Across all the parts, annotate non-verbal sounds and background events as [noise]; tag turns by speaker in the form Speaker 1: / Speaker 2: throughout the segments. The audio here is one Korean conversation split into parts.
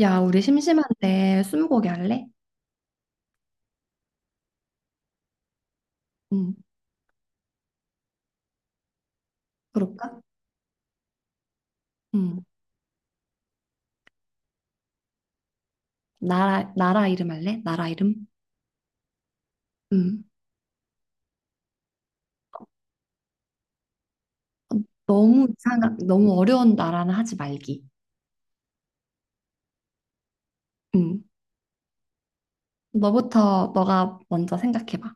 Speaker 1: 야, 우리 심심한데 스무고개 할래? 응, 그럴까? 응, 나라, 나라 이름 할래? 나라 이름? 응, 너무 이상한, 너무 어려운 나라는 하지 말기. 응, 너부터, 너가 먼저 생각해봐.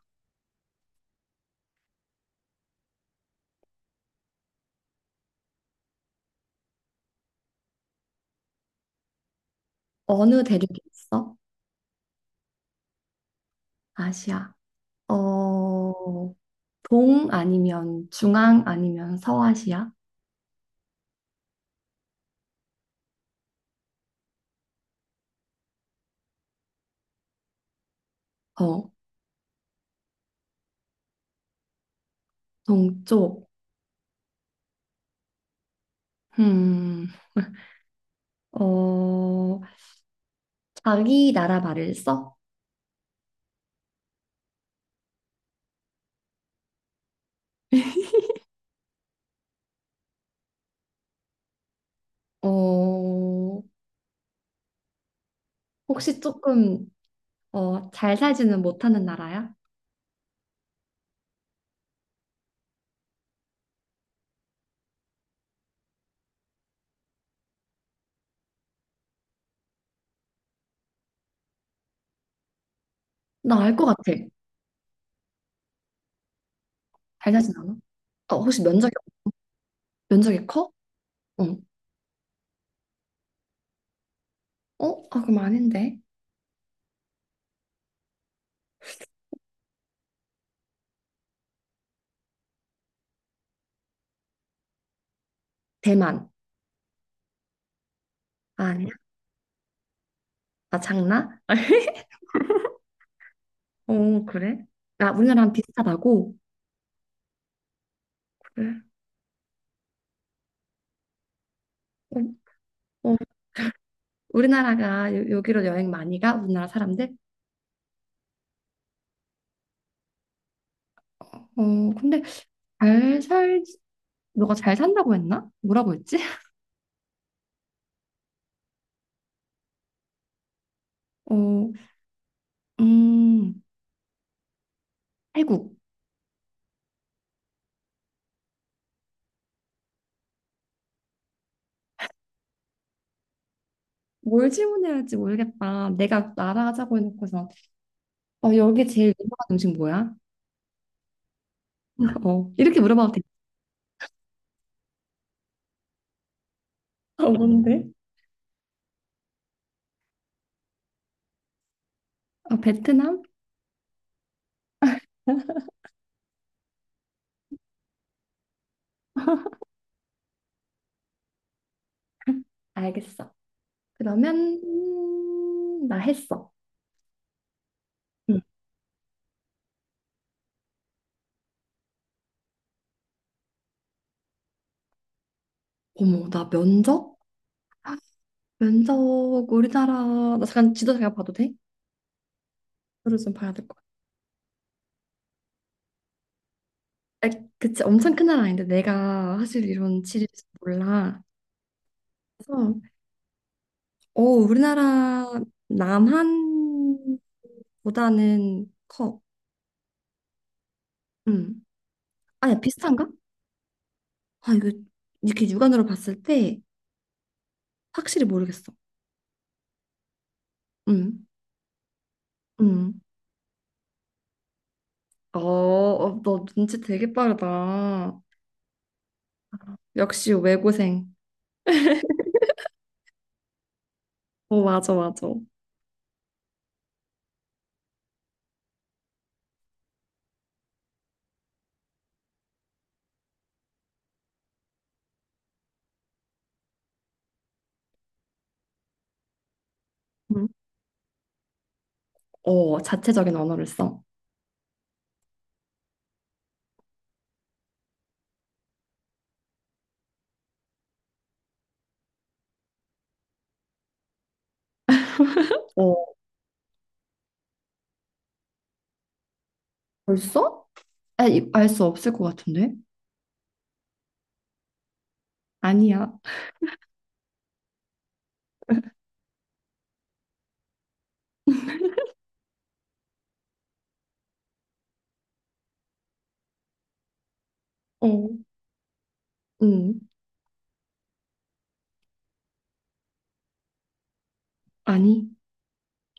Speaker 1: 어느 대륙에 있어? 아시아. 어, 동 아니면 중앙 아니면 서아시아? 어, 동쪽. 음, 어, 자기 나라 말을 써? 어, 혹시 조금 잘 살지는 못하는 나라야? 나 알 것 같아. 잘 살진 않아? 어, 혹시 면적이, 면적이 커? 응. 어? 아, 그럼 아닌데. 대만. 아, 아니야? 나 장나? [laughs] 어, 그래? 아, 우리나라랑 비슷하다고? 그래. 어, 어. 우리나라가 여, 기로 여행 많이 가? 우리나라 사람들? 어, 근데 잘 살, 너가 잘 산다고 했나? 뭐라고 했지? [laughs] 어, 음, 태국. 뭘 질문해야 할지 모르겠다. 내가 나라 하자고 해놓고서, 어, 여기 제일 유명한 음식 뭐야? [laughs] 어, 이렇게 물어봐도 돼. 어, 뭔데? 아, 베트남? [laughs] 알겠어. 그러면 나 했어. 응, 어머, 나 면접? 면접 우리나라 나 잠깐 지도 잠깐 봐도 돼? 지도를 좀 봐야 될 것 같아. 아, 그치 엄청 큰 나라 아닌데 내가 사실 이런 지리를 잘 몰라. 그래서 우리나라 남한보다는 커. 음. 아니 비슷한가? 아 이거 이렇게 육안으로 봤을 때 확실히 모르겠어. 음. 음. 어, 어, 너 눈치 되게 빠르다. 역시 외고생. 어, 맞아, 맞아. 응? 어, 자체적인 언어를 써. 어, 벌써? 아, 알수 없을 것 같은데? 아니야. 어, 응, 아니.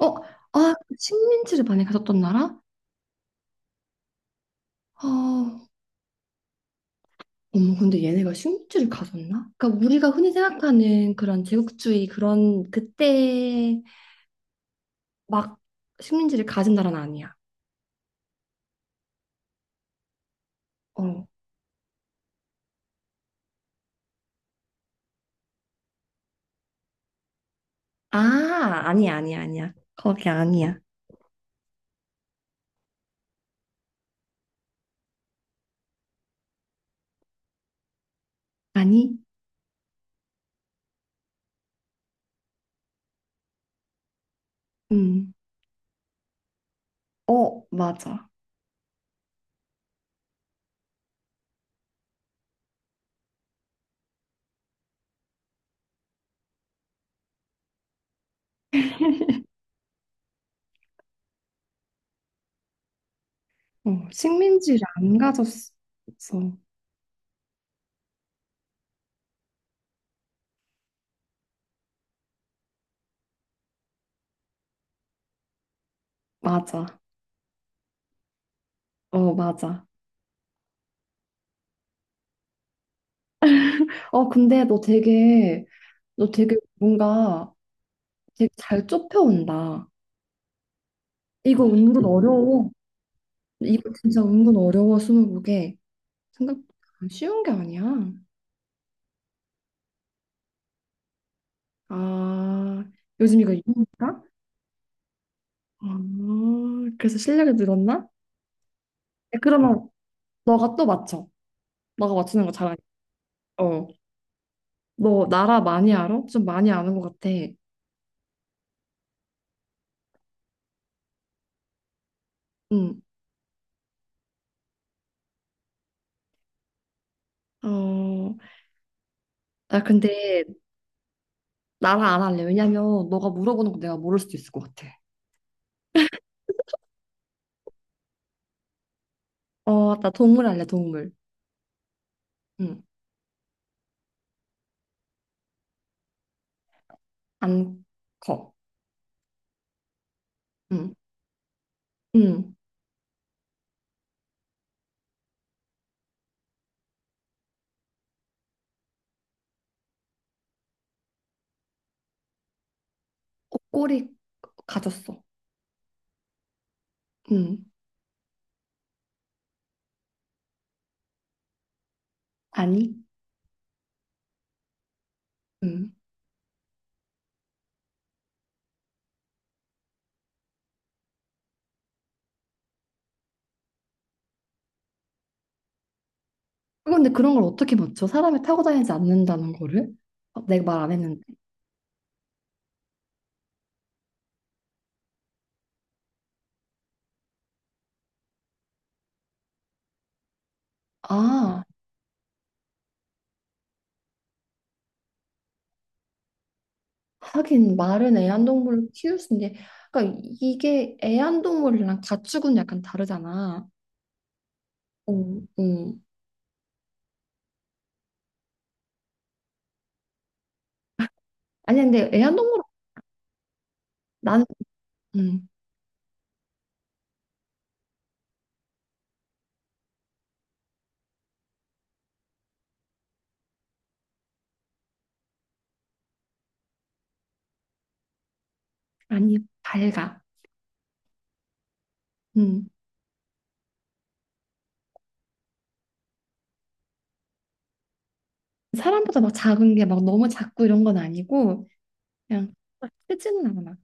Speaker 1: 어, 아, 그 식민지를 많이 가졌던 나라? 어, 어머, 근데 얘네가 식민지를 가졌나? 그러니까 우리가 흔히 생각하는 그런 제국주의 그런 그때 막 식민지를 가진 나라는 아니야. 어, 아, 아니야, 아니야, 아니야. 거기 아니야. 아니? 음. 어, 맞아. 어, 식민지를 안 가졌어. 맞아. 어, 맞아. 어, 근데 너 되게, 너 되게 뭔가 되게 잘 좁혀온다. 이거 은근 어려워. 이거 진짜 은근 어려워, 스무고개. 생각 아, 쉬운 게 아니야. 아, 요즘 이거 유행인가? 아, 그래서 실력이 늘었나? 야, 그러면 너가 또 맞춰. 너가 맞추는 거 잘하니. 어. 너 나라 많이 알아? 좀 많이 아는 것 같아. 응. 어, 나 근데 나랑 안 할래. 왜냐면 너가 물어보는 거 내가 모를 수도 있을 것 같아. 어, 나 동물 할래, 동물. 응. 안 커. 응. 응. 어, 꼬리 가졌어. 응. 아니? 응. 근데 그런 걸 어떻게 맞춰? 사람이 타고 다니지 않는다는 거를? 어, 내가 말 안 했는데. 아, 하긴 말은 애완동물을 키울 수 있는데, 그러니까 이게 애완동물이랑 가축은 약간 다르잖아. 응, 응. 아니 근데 애완동물 나는 아니, 밝아. 음. 사람보다 막 작은 게 막 너무 작고 이런 건 아니고, 그냥 막 크지는 않아.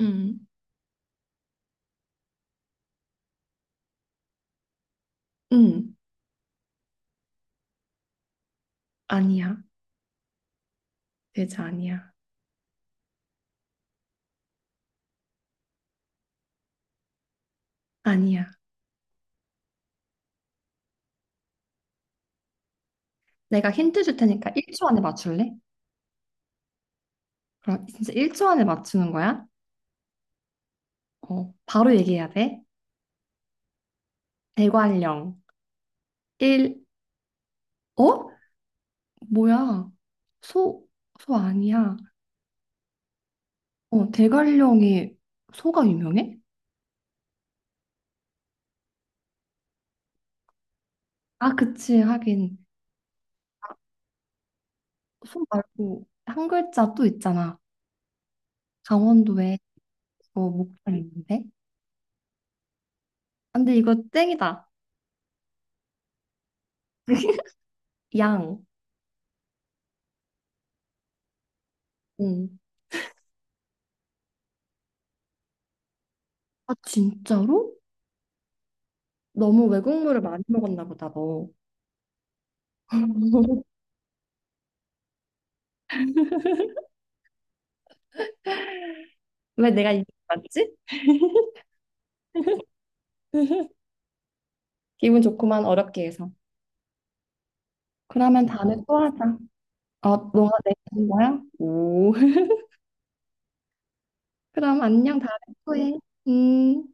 Speaker 1: 음. 음. 아니야. 돼지 아니야. 아니야. 내가 힌트 줄 테니까 1초 안에 맞출래? 그럼 진짜 1초 안에 맞추는 거야? 어, 바로 얘기해야 돼. 대관령. 1, 어? 뭐야? 소, 소 아니야. 어, 대관령이 소가 유명해? 아, 그치. 하긴. 소 말고 한 글자 또 있잖아. 강원도에 어, 목살 있는데? 아, 근데 이거 땡이다. [laughs] 양. 응. 아, 진짜로? 너무 외국물을 많이 먹었나 보다, 너. [laughs] 왜 내가 이거 맞지? 기분 좋구만, 어렵게 해서. 그러면 다음에 또 하자. 어, 너가 내준 거야? 오. [laughs] 그럼 안녕, 다음에 또 해. 음.